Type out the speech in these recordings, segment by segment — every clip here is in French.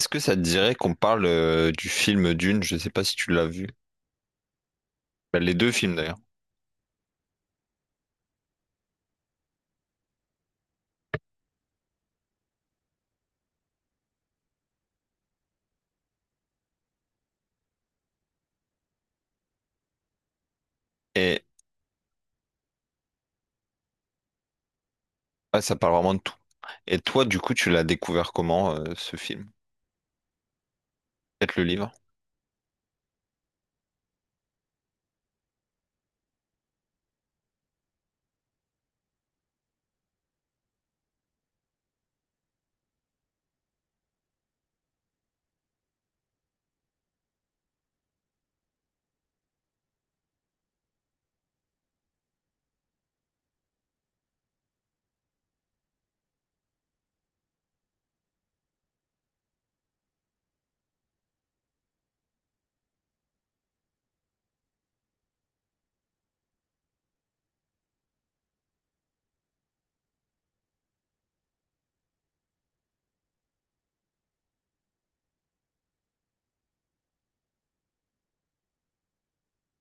Est-ce que ça te dirait qu'on parle du film Dune? Je sais pas si tu l'as vu. Bah, les deux films d'ailleurs. Et ouais, ça parle vraiment de tout. Et toi, du coup, tu l'as découvert comment ce film? Peut-être le livre?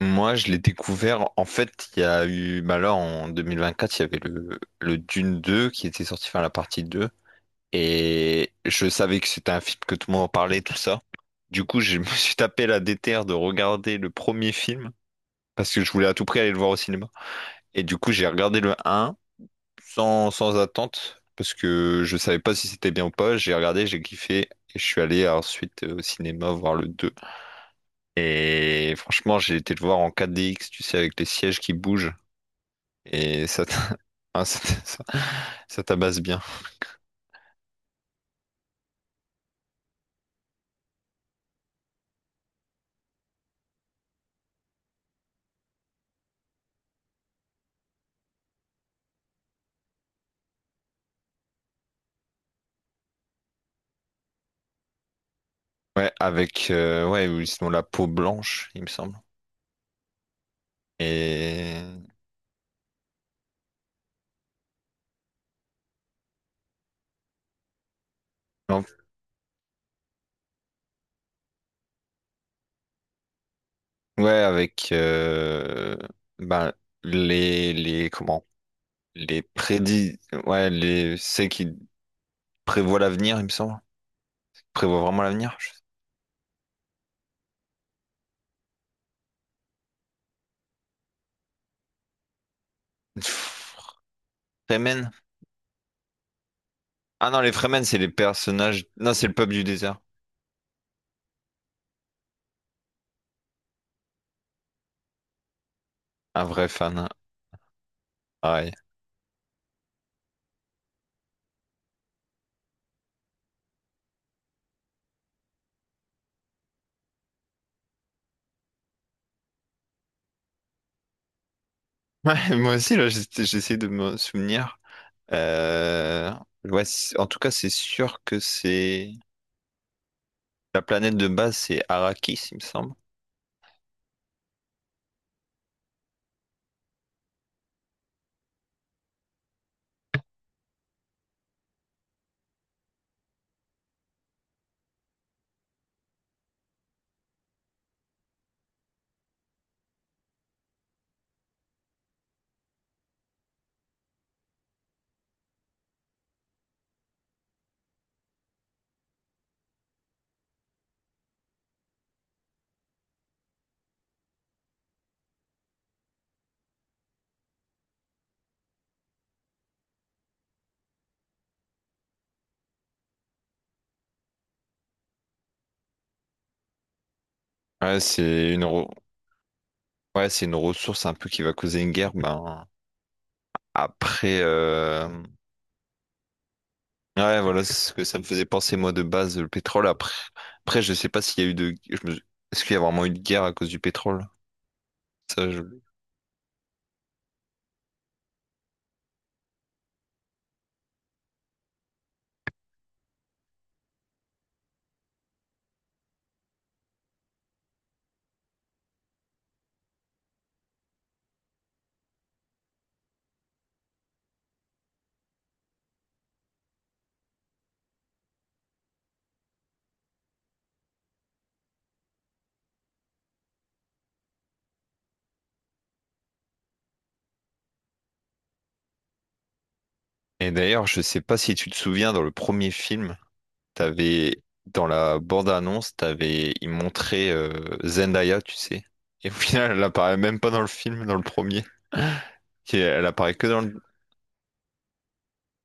Moi, je l'ai découvert. En fait, il y a eu. Bah là, en 2024, il y avait le Dune 2 qui était sorti, enfin la partie 2. Et je savais que c'était un film que tout le monde en parlait, tout ça. Du coup, je me suis tapé la déterre de regarder le premier film parce que je voulais à tout prix aller le voir au cinéma. Et du coup, j'ai regardé le 1 sans attente, parce que je savais pas si c'était bien ou pas. J'ai regardé, j'ai kiffé, et je suis allé ensuite au cinéma voir le deux. Et franchement, j'ai été le voir en 4DX, tu sais, avec les sièges qui bougent, et ah, ça, t'a- ça- ça tabasse bien. Ouais, avec, ouais, ou sinon la peau blanche, il me semble. Et, non, ouais, ben, comment, les prédits, ouais, les, c'est qui prévoit l'avenir, il me semble. Prévoit vraiment l'avenir? Je- Fremen? Ah non, les Fremen, c'est les personnages. Non, c'est le peuple du désert. Un vrai fan. Ouais. Ouais, moi aussi, là, j'essaie de me souvenir. Euh, ouais, c- en tout cas, c'est sûr que c'est. La planète de base, c'est Arrakis, il me semble. Ouais, c'est une, re- ouais, c'est une ressource un peu qui va causer une guerre. Ben, après. Ouais, voilà c'est ce que ça me faisait penser, moi, de base, le pétrole. Après, après je sais pas s'il y a eu de. Je me- Est-ce qu'il y a vraiment eu de guerre à cause du pétrole? Ça, je- Et d'ailleurs, je sais pas si tu te souviens, dans le premier film, t'avais, dans la bande-annonce, t'avais, ils montraient Zendaya, tu sais. Et au final, elle apparaît même pas dans le film, dans le premier. Et elle apparaît que dans le...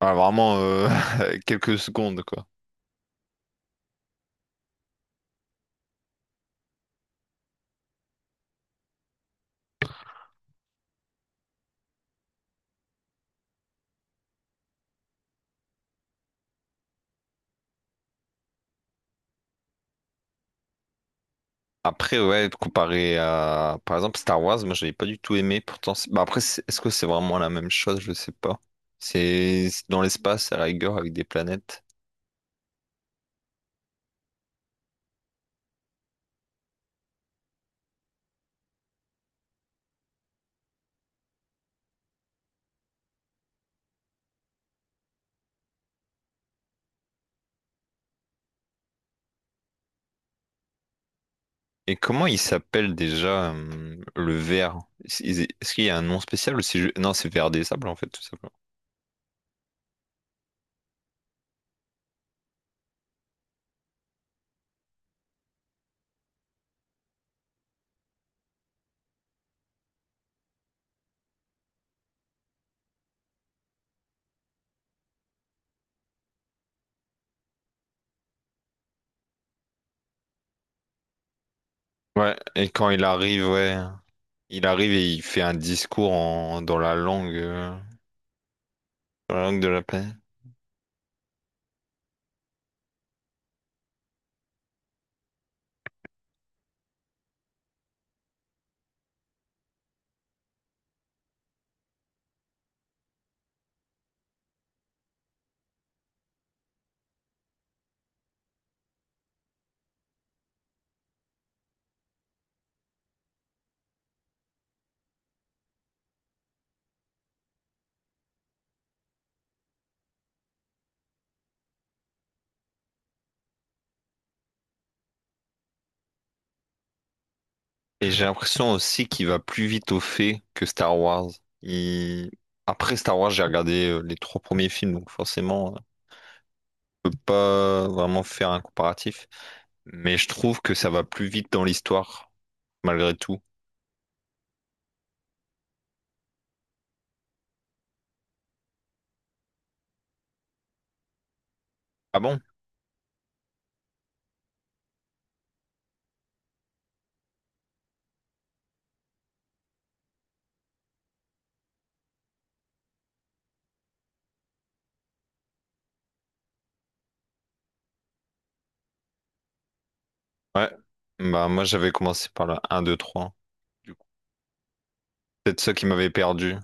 ah, vraiment quelques secondes, quoi. Après, ouais, comparé à, par exemple, Star Wars, moi, j'avais pas du tout aimé. Pourtant, c'est- bah, après, c'est- est-ce que c'est vraiment la même chose? Je sais pas. C'est dans l'espace, à la rigueur, avec des planètes. Et comment il s'appelle déjà le ver? Est-ce qu'il y a un nom spécial ou non, c'est ver des sables en fait, tout simplement. Ouais, et quand il arrive, ouais, il arrive et il fait un discours en... dans la dans la langue de la planète. Et j'ai l'impression aussi qu'il va plus vite au fait que Star Wars. Il- Après Star Wars, j'ai regardé les trois premiers films, donc je peux pas vraiment faire un comparatif. Mais je trouve que ça va plus vite dans l'histoire, malgré tout. Ah bon? Ouais, bah moi j'avais commencé par le un 2 trois. Du coup, c'est ça qui m'avait perdu.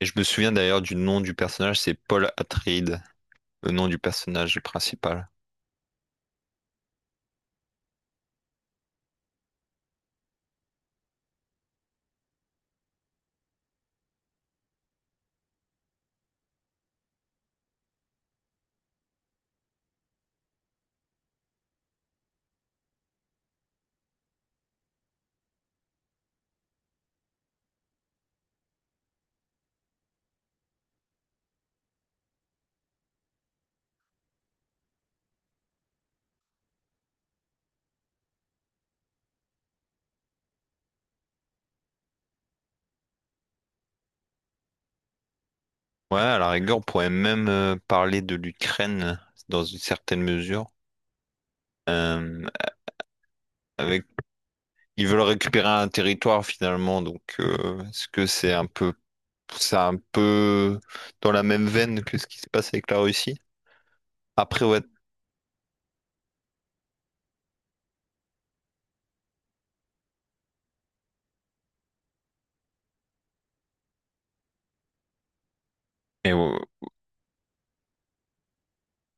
Et je me souviens d'ailleurs du nom du personnage, c'est Paul Atreides, le nom du personnage principal. Ouais, à la rigueur, on pourrait même parler de l'Ukraine dans une certaine mesure. Euh, avec, ils veulent récupérer un territoire finalement, donc est-ce que c'est un peu dans la même veine que ce qui se passe avec la Russie? Après, ouais, et ouais,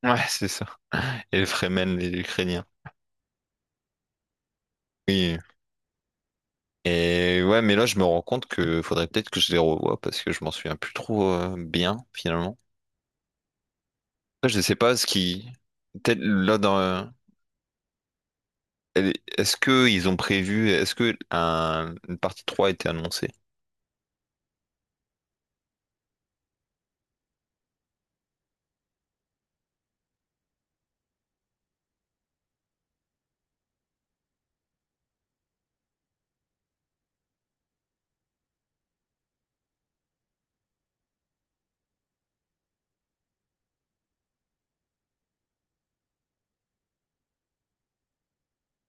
ouais, c'est ça. Et les Fremen, les Ukrainiens. Oui, et ouais, mais là, je me rends compte que faudrait peut-être que je les revoie parce que je m'en souviens plus trop bien, finalement. Après, je sais pas ce qui. Peut-être est-ce que ils ont prévu. Est-ce que une partie 3 a été annoncée?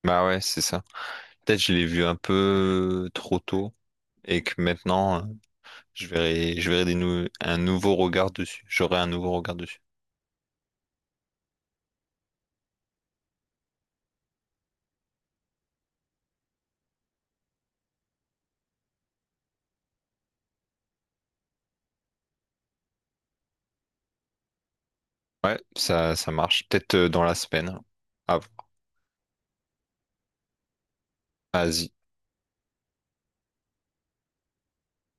Bah ouais, c'est ça. Peut-être je l'ai vu un peu trop tôt et que je verrai un nouveau regard dessus. J'aurai un nouveau regard dessus. Ouais, ça marche. Peut-être dans la semaine. Ah, vas-y.